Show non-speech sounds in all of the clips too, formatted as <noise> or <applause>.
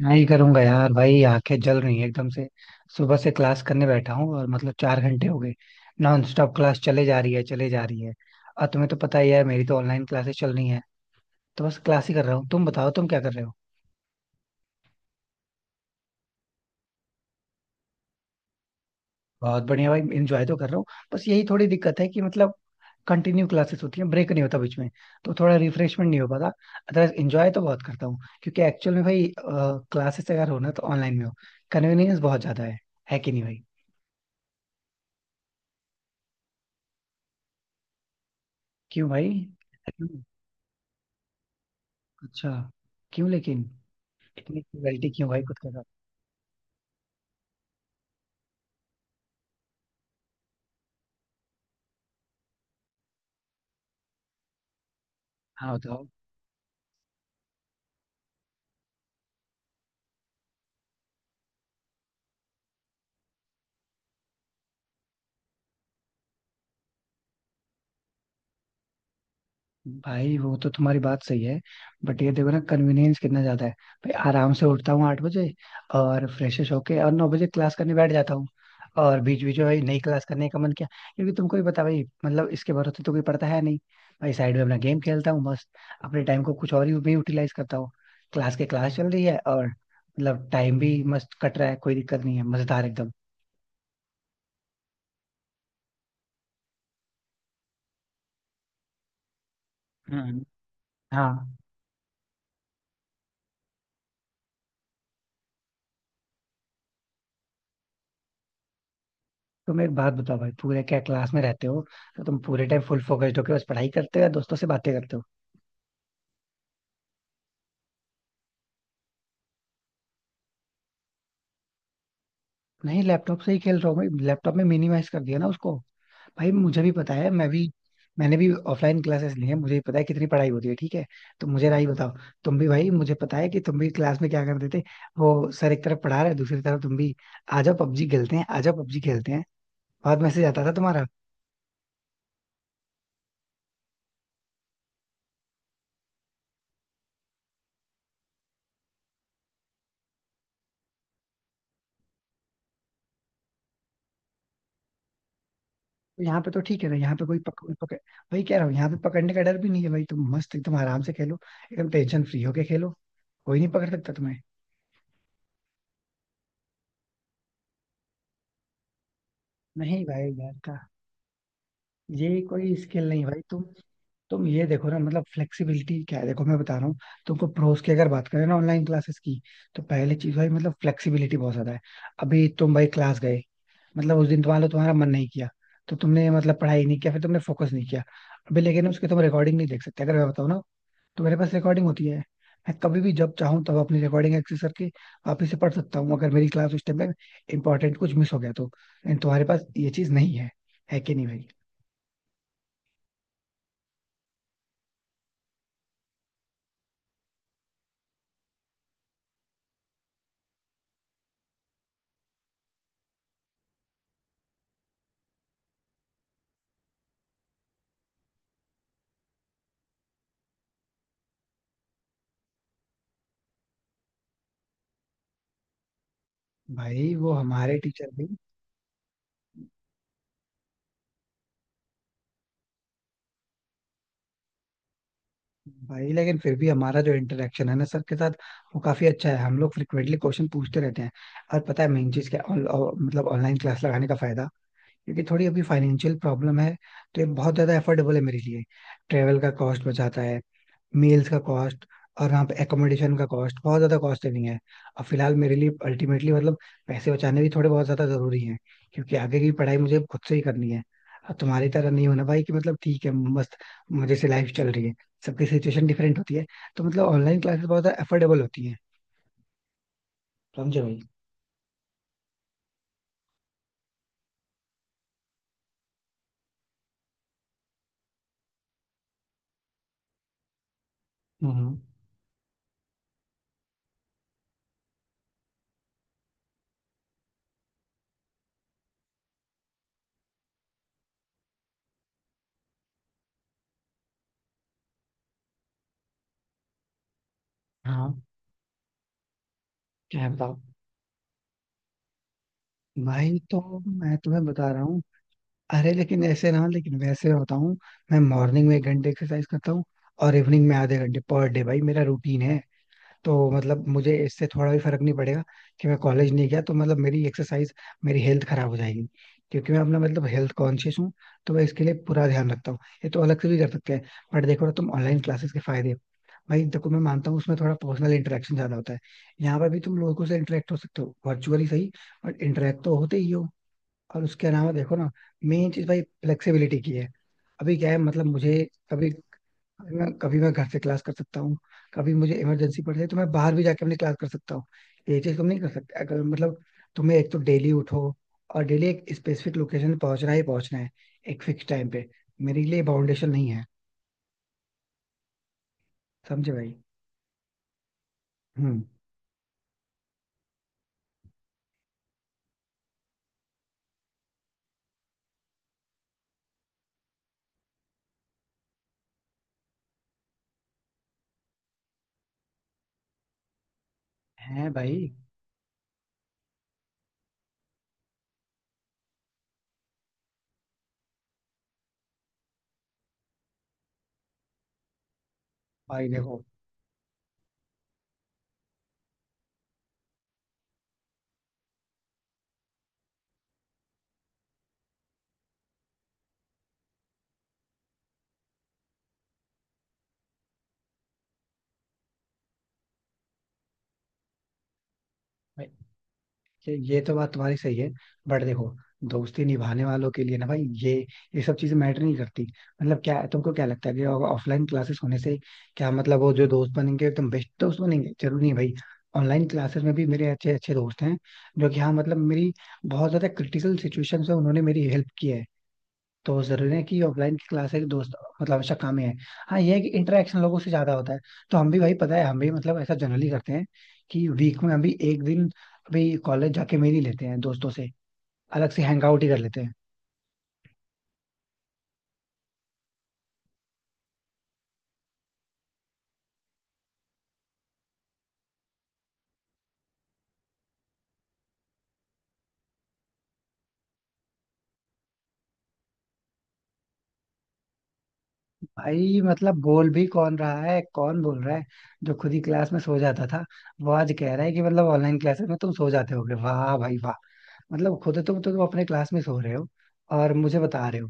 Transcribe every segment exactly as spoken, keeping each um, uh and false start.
क्या ही करूंगा यार भाई, आंखें जल रही हैं एकदम से। सुबह से क्लास करने बैठा हूँ और मतलब चार घंटे हो गए। नॉन स्टॉप क्लास चले जा रही है चले जा रही है। और तुम्हें तो पता ही है, मेरी तो ऑनलाइन क्लासेस चल रही हैं। तो बस क्लास ही कर रहा हूँ। तुम बताओ, तुम क्या कर रहे हो? बहुत बढ़िया भाई, इंजॉय तो कर रहा हूँ। बस यही थोड़ी दिक्कत है कि मतलब कंटिन्यू क्लासेस होती हैं, ब्रेक नहीं होता बीच में। तो थोड़ा रिफ्रेशमेंट नहीं हो पाता। अदरवाइज इंजॉय तो बहुत करता हूँ, क्योंकि एक्चुअल में भाई क्लासेस अगर हो ना, तो ऑनलाइन में हो। कन्वीनियंस बहुत ज्यादा है। है कि नहीं भाई? क्यों भाई? अच्छा, क्यों लेकिन? इतनी क्रुएल्टी क्यों भाई खुद के साथ? हाँ बताओ। भाई वो तो तुम्हारी बात सही है, बट ये देखो ना कन्वीनियंस कितना ज्यादा है। भाई आराम से उठता हूँ आठ बजे, और फ्रेशेश होके और नौ बजे क्लास करने बैठ जाता हूँ। और बीच बीच में भाई नई क्लास करने का मन किया, क्योंकि तुमको भी पता भाई, मतलब इसके भरोसे तो कोई पड़ता है नहीं। भाई साइड में अपना गेम खेलता हूँ मस्त, अपने टाइम को कुछ और ही भी यूटिलाइज करता हूँ। क्लास के क्लास चल रही है, और मतलब टाइम भी मस्त कट रहा है। कोई दिक्कत नहीं है, मजेदार एकदम। हम्म। हाँ। तुम एक बात बताओ भाई, पूरे क्या क्लास में रहते हो? तो तुम पूरे टाइम फुल फोकस्ड होके बस पढ़ाई करते हो या दोस्तों से बातें करते हो? नहीं लैपटॉप से ही खेल रहा हूँ भाई, लैपटॉप में मिनिमाइज कर दिया ना उसको। भाई मुझे भी पता है मैं भी मैंने भी ऑफलाइन क्लासेस ली है, मुझे भी पता है कितनी पढ़ाई होती है, ठीक है? तो मुझे राही बताओ, तुम भी भाई मुझे पता है कि तुम भी क्लास में क्या करते थे। वो सर एक तरफ पढ़ा रहे, दूसरी तरफ तुम भी, आ जाओ पबजी खेलते हैं, आ जाओ पबजी खेलते हैं। बहुत मैसेज आता था तुम्हारा। यहाँ पे तो ठीक है ना, यहाँ पे कोई पक, पक, वही कह रहा हूँ, यहाँ पे पकड़ने का डर भी नहीं है भाई। तुम मस्त एकदम आराम से खेलो, एकदम टेंशन फ्री होके खेलो। कोई नहीं पकड़ सकता तुम्हें। नहीं भाई यार का ये कोई स्किल नहीं भाई। तुम तुम ये देखो ना, मतलब फ्लेक्सिबिलिटी क्या है, देखो मैं बता रहा हूँ। तुमको प्रोस की अगर बात करें ना ऑनलाइन क्लासेस की, तो पहले चीज भाई मतलब फ्लेक्सिबिलिटी बहुत ज्यादा है। अभी तुम भाई क्लास गए, मतलब उस दिन तुम्हारा तुम्हारा मन नहीं किया, तो तुमने मतलब पढ़ाई नहीं किया, फिर तुमने फोकस नहीं किया। अभी लेकिन उसके तुम रिकॉर्डिंग नहीं देख सकते। अगर मैं बताऊँ ना, तो मेरे पास रिकॉर्डिंग होती है। मैं कभी भी जब चाहूँ तब अपनी रिकॉर्डिंग एक्सेस करके वापस से पढ़ सकता हूँ, अगर मेरी क्लास उस टाइम में इंपॉर्टेंट कुछ मिस हो गया तो। एंड तुम्हारे पास ये चीज नहीं है। है कि नहीं भाई? भाई वो हमारे टीचर भी। भाई लेकिन फिर भी हमारा जो इंटरेक्शन है ना सर के साथ, वो काफी अच्छा है। हम लोग फ्रिक्वेंटली क्वेश्चन पूछते रहते हैं। और पता है मेन चीज क्या ऑन- ऑ- मतलब ऑनलाइन क्लास लगाने का फायदा? क्योंकि थोड़ी अभी फाइनेंशियल प्रॉब्लम है, तो ये बहुत ज्यादा एफोर्डेबल है मेरे लिए। ट्रेवल का कॉस्ट बचाता है, मील्स का कॉस्ट, और वहाँ पे एकोमोडेशन का कॉस्ट, बहुत ज्यादा कॉस्ट सेविंग है। अब फिलहाल मेरे लिए अल्टीमेटली मतलब पैसे बचाने भी थोड़े बहुत ज्यादा जरूरी हैं, क्योंकि आगे की पढ़ाई मुझे खुद से ही करनी है। अब तुम्हारी तरह नहीं होना भाई कि मतलब ठीक है, मस्त मजे से लाइफ चल रही है। सबकी सिचुएशन डिफरेंट होती है। तो मतलब ऑनलाइन क्लासेस बहुत ज्यादा अफोर्डेबल होती है, समझे भाई? हम्म। हाँ। क्या है बताओ? भाई तो मैं तुम्हें बता रहा हूँ, अरे लेकिन ऐसे ना, लेकिन वैसे बताऊं। मैं मॉर्निंग में एक घंटे एक्सरसाइज करता हूँ, और इवनिंग में आधे घंटे, पर डे भाई मेरा रूटीन है। तो मतलब मुझे इससे थोड़ा भी फर्क नहीं पड़ेगा कि मैं कॉलेज नहीं गया तो मतलब मेरी एक्सरसाइज, मेरी हेल्थ खराब हो जाएगी। क्योंकि मैं अपना मतलब हेल्थ कॉन्शियस हूँ, तो मैं इसके लिए पूरा ध्यान रखता हूँ। ये तो अलग से भी कर सकते हैं। बट देखो ना तुम ऑनलाइन क्लासेस के फायदे। भाई देखो मैं मानता हूँ उसमें थोड़ा पर्सनल इंटरेक्शन ज्यादा होता है। यहाँ पर भी तुम लोगों से इंटरेक्ट हो सकते हो वर्चुअली, सही, बट इंटरेक्ट तो होते ही हो। और उसके अलावा देखो ना, मेन चीज भाई फ्लेक्सिबिलिटी की है। अभी क्या है मतलब मुझे कभी, मैं कभी मैं घर से क्लास कर सकता हूँ, कभी मुझे इमरजेंसी पड़ जाए तो मैं बाहर भी जाके अपनी क्लास कर सकता हूँ। ये चीज तुम नहीं कर सकते। अगर मतलब तुम्हें, एक तो डेली उठो और डेली एक स्पेसिफिक लोकेशन पहुंचना ही पहुंचना है, एक फिक्स टाइम पे। मेरे लिए बाउंडेशन नहीं है। समझे भाई? हम्म। है भाई। भाई देखो ये ये तो बात तुम्हारी सही है, बट देखो, दोस्ती निभाने वालों के लिए ना भाई, ये ये सब चीजें मैटर नहीं करती। मतलब क्या तुमको क्या लगता है कि ऑफलाइन क्लासेस होने से, क्या मतलब वो जो दोस्त बनेंगे एकदम बेस्ट दोस्त बनेंगे? जरूरी नहीं भाई। ऑनलाइन क्लासेस में भी मेरे अच्छे अच्छे दोस्त हैं, जो कि हाँ मतलब मेरी बहुत ज्यादा क्रिटिकल सिचुएशन में उन्होंने मेरी हेल्प की है। तो जरूरी नहीं कि ऑफलाइन की क्लास है कि दोस्त मतलब हमेशा काम ही है। हाँ, ये है कि इंटरेक्शन लोगों से ज्यादा होता है। तो हम भी भाई, पता है हम भी मतलब ऐसा जनरली करते हैं कि वीक में हम भी एक दिन अभी कॉलेज जाके मेल ही लेते हैं दोस्तों से, अलग से हैंग आउट ही कर लेते हैं। भाई मतलब बोल भी कौन रहा है? कौन बोल रहा है? जो खुद ही क्लास में सो जाता था, वो आज कह रहा है कि मतलब ऑनलाइन क्लासेस में तुम सो जाते होगे। वाह भाई वाह! मतलब खुद तुम तुम अपने क्लास में सो रहे हो और मुझे बता रहे हो।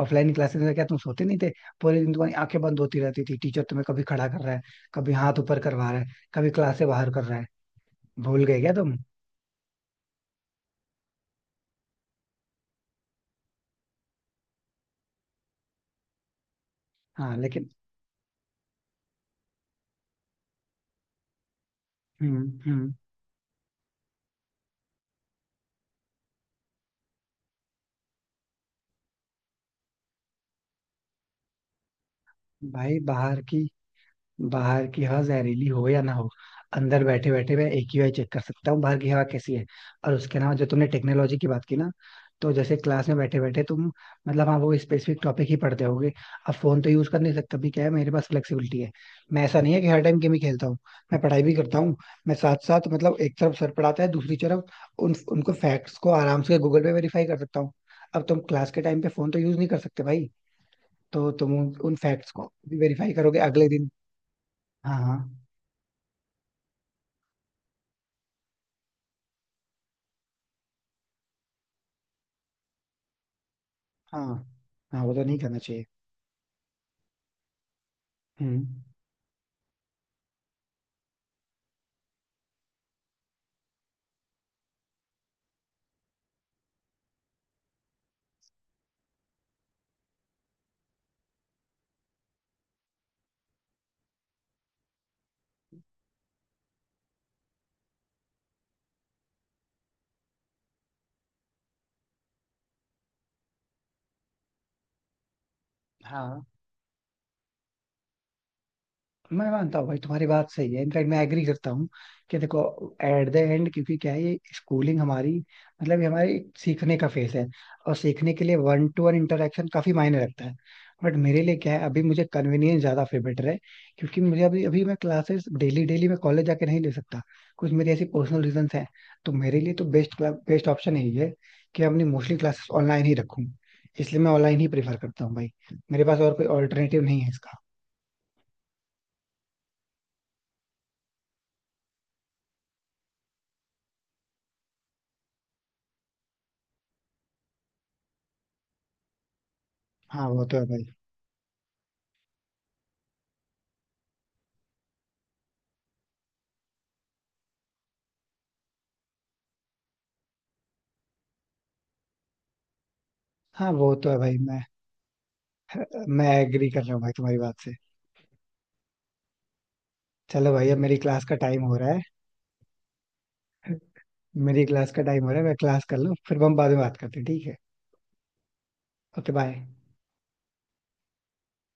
ऑफलाइन क्लासेस में क्या तुम सोते नहीं थे? पूरे दिन तुम्हारी आंखें बंद होती रहती थी। टीचर तुम्हें कभी खड़ा कर रहा है, कभी हाथ ऊपर करवा रहा है, कभी क्लास से बाहर कर रहा है। भूल गए क्या तुम? हाँ लेकिन। हम्म। हम्म। भाई बाहर की बाहर की हवा जहरीली हो या ना हो, अंदर बैठे बैठे मैं एक ही बार चेक कर सकता हूँ बाहर की हवा कैसी है। और उसके अलावा जो तुमने टेक्नोलॉजी की बात की ना, तो जैसे क्लास में बैठे बैठे तुम मतलब हाँ वो स्पेसिफिक टॉपिक ही पढ़ते होगे, अब फोन तो यूज कर नहीं सकता। भी क्या है, मेरे पास फ्लेक्सिबिलिटी है। मैं ऐसा नहीं है कि हर टाइम गेम ही खेलता हूँ, मैं पढ़ाई भी करता हूँ। मैं साथ साथ मतलब एक तरफ सर पढ़ाता है, दूसरी तरफ उन उनको फैक्ट्स को आराम से गूगल पे वेरीफाई कर सकता हूँ। अब तुम क्लास के टाइम पे फोन तो यूज नहीं कर सकते भाई। तो तुम उन फैक्ट्स को भी वेरीफाई करोगे अगले दिन। हाँ हाँ। हाँ, हाँ वो तो नहीं करना चाहिए। हम्म। हाँ मैं मानता हूँ भाई तुम्हारी बात सही है, इनफैक्ट मैं एग्री करता हूँ। कि देखो, एट द एंड क्योंकि क्या है ये स्कूलिंग हमारी, मतलब ये हमारी एक सीखने का फेस है, और सीखने के लिए वन टू वन इंटरेक्शन काफी मायने रखता है। बट मेरे लिए क्या है, अभी मुझे कन्वीनियंस ज्यादा फेवरेट है। क्योंकि मुझे अभी अभी मैं क्लासेस डेली डेली मैं कॉलेज जाके नहीं ले सकता, कुछ मेरी ऐसी पर्सनल रीजंस हैं। तो मेरे लिए तो बेस्ट बेस्ट ऑप्शन यही है कि अपनी मोस्टली क्लासेस ऑनलाइन ही रखूँ। इसलिए मैं ऑनलाइन ही प्रेफर करता हूँ भाई। मेरे पास और कोई ऑल्टरनेटिव नहीं है इसका। हाँ वो तो है भाई। हाँ वो तो है भाई मैं मैं एग्री कर रहा हूँ भाई तुम्हारी बात से। चलो भाई अब मेरी क्लास का टाइम हो रहा है। <laughs> मेरी क्लास का टाइम हो रहा है, मैं क्लास कर लूँ, फिर हम बाद में बात करते हैं, ठीक है? Okay bye.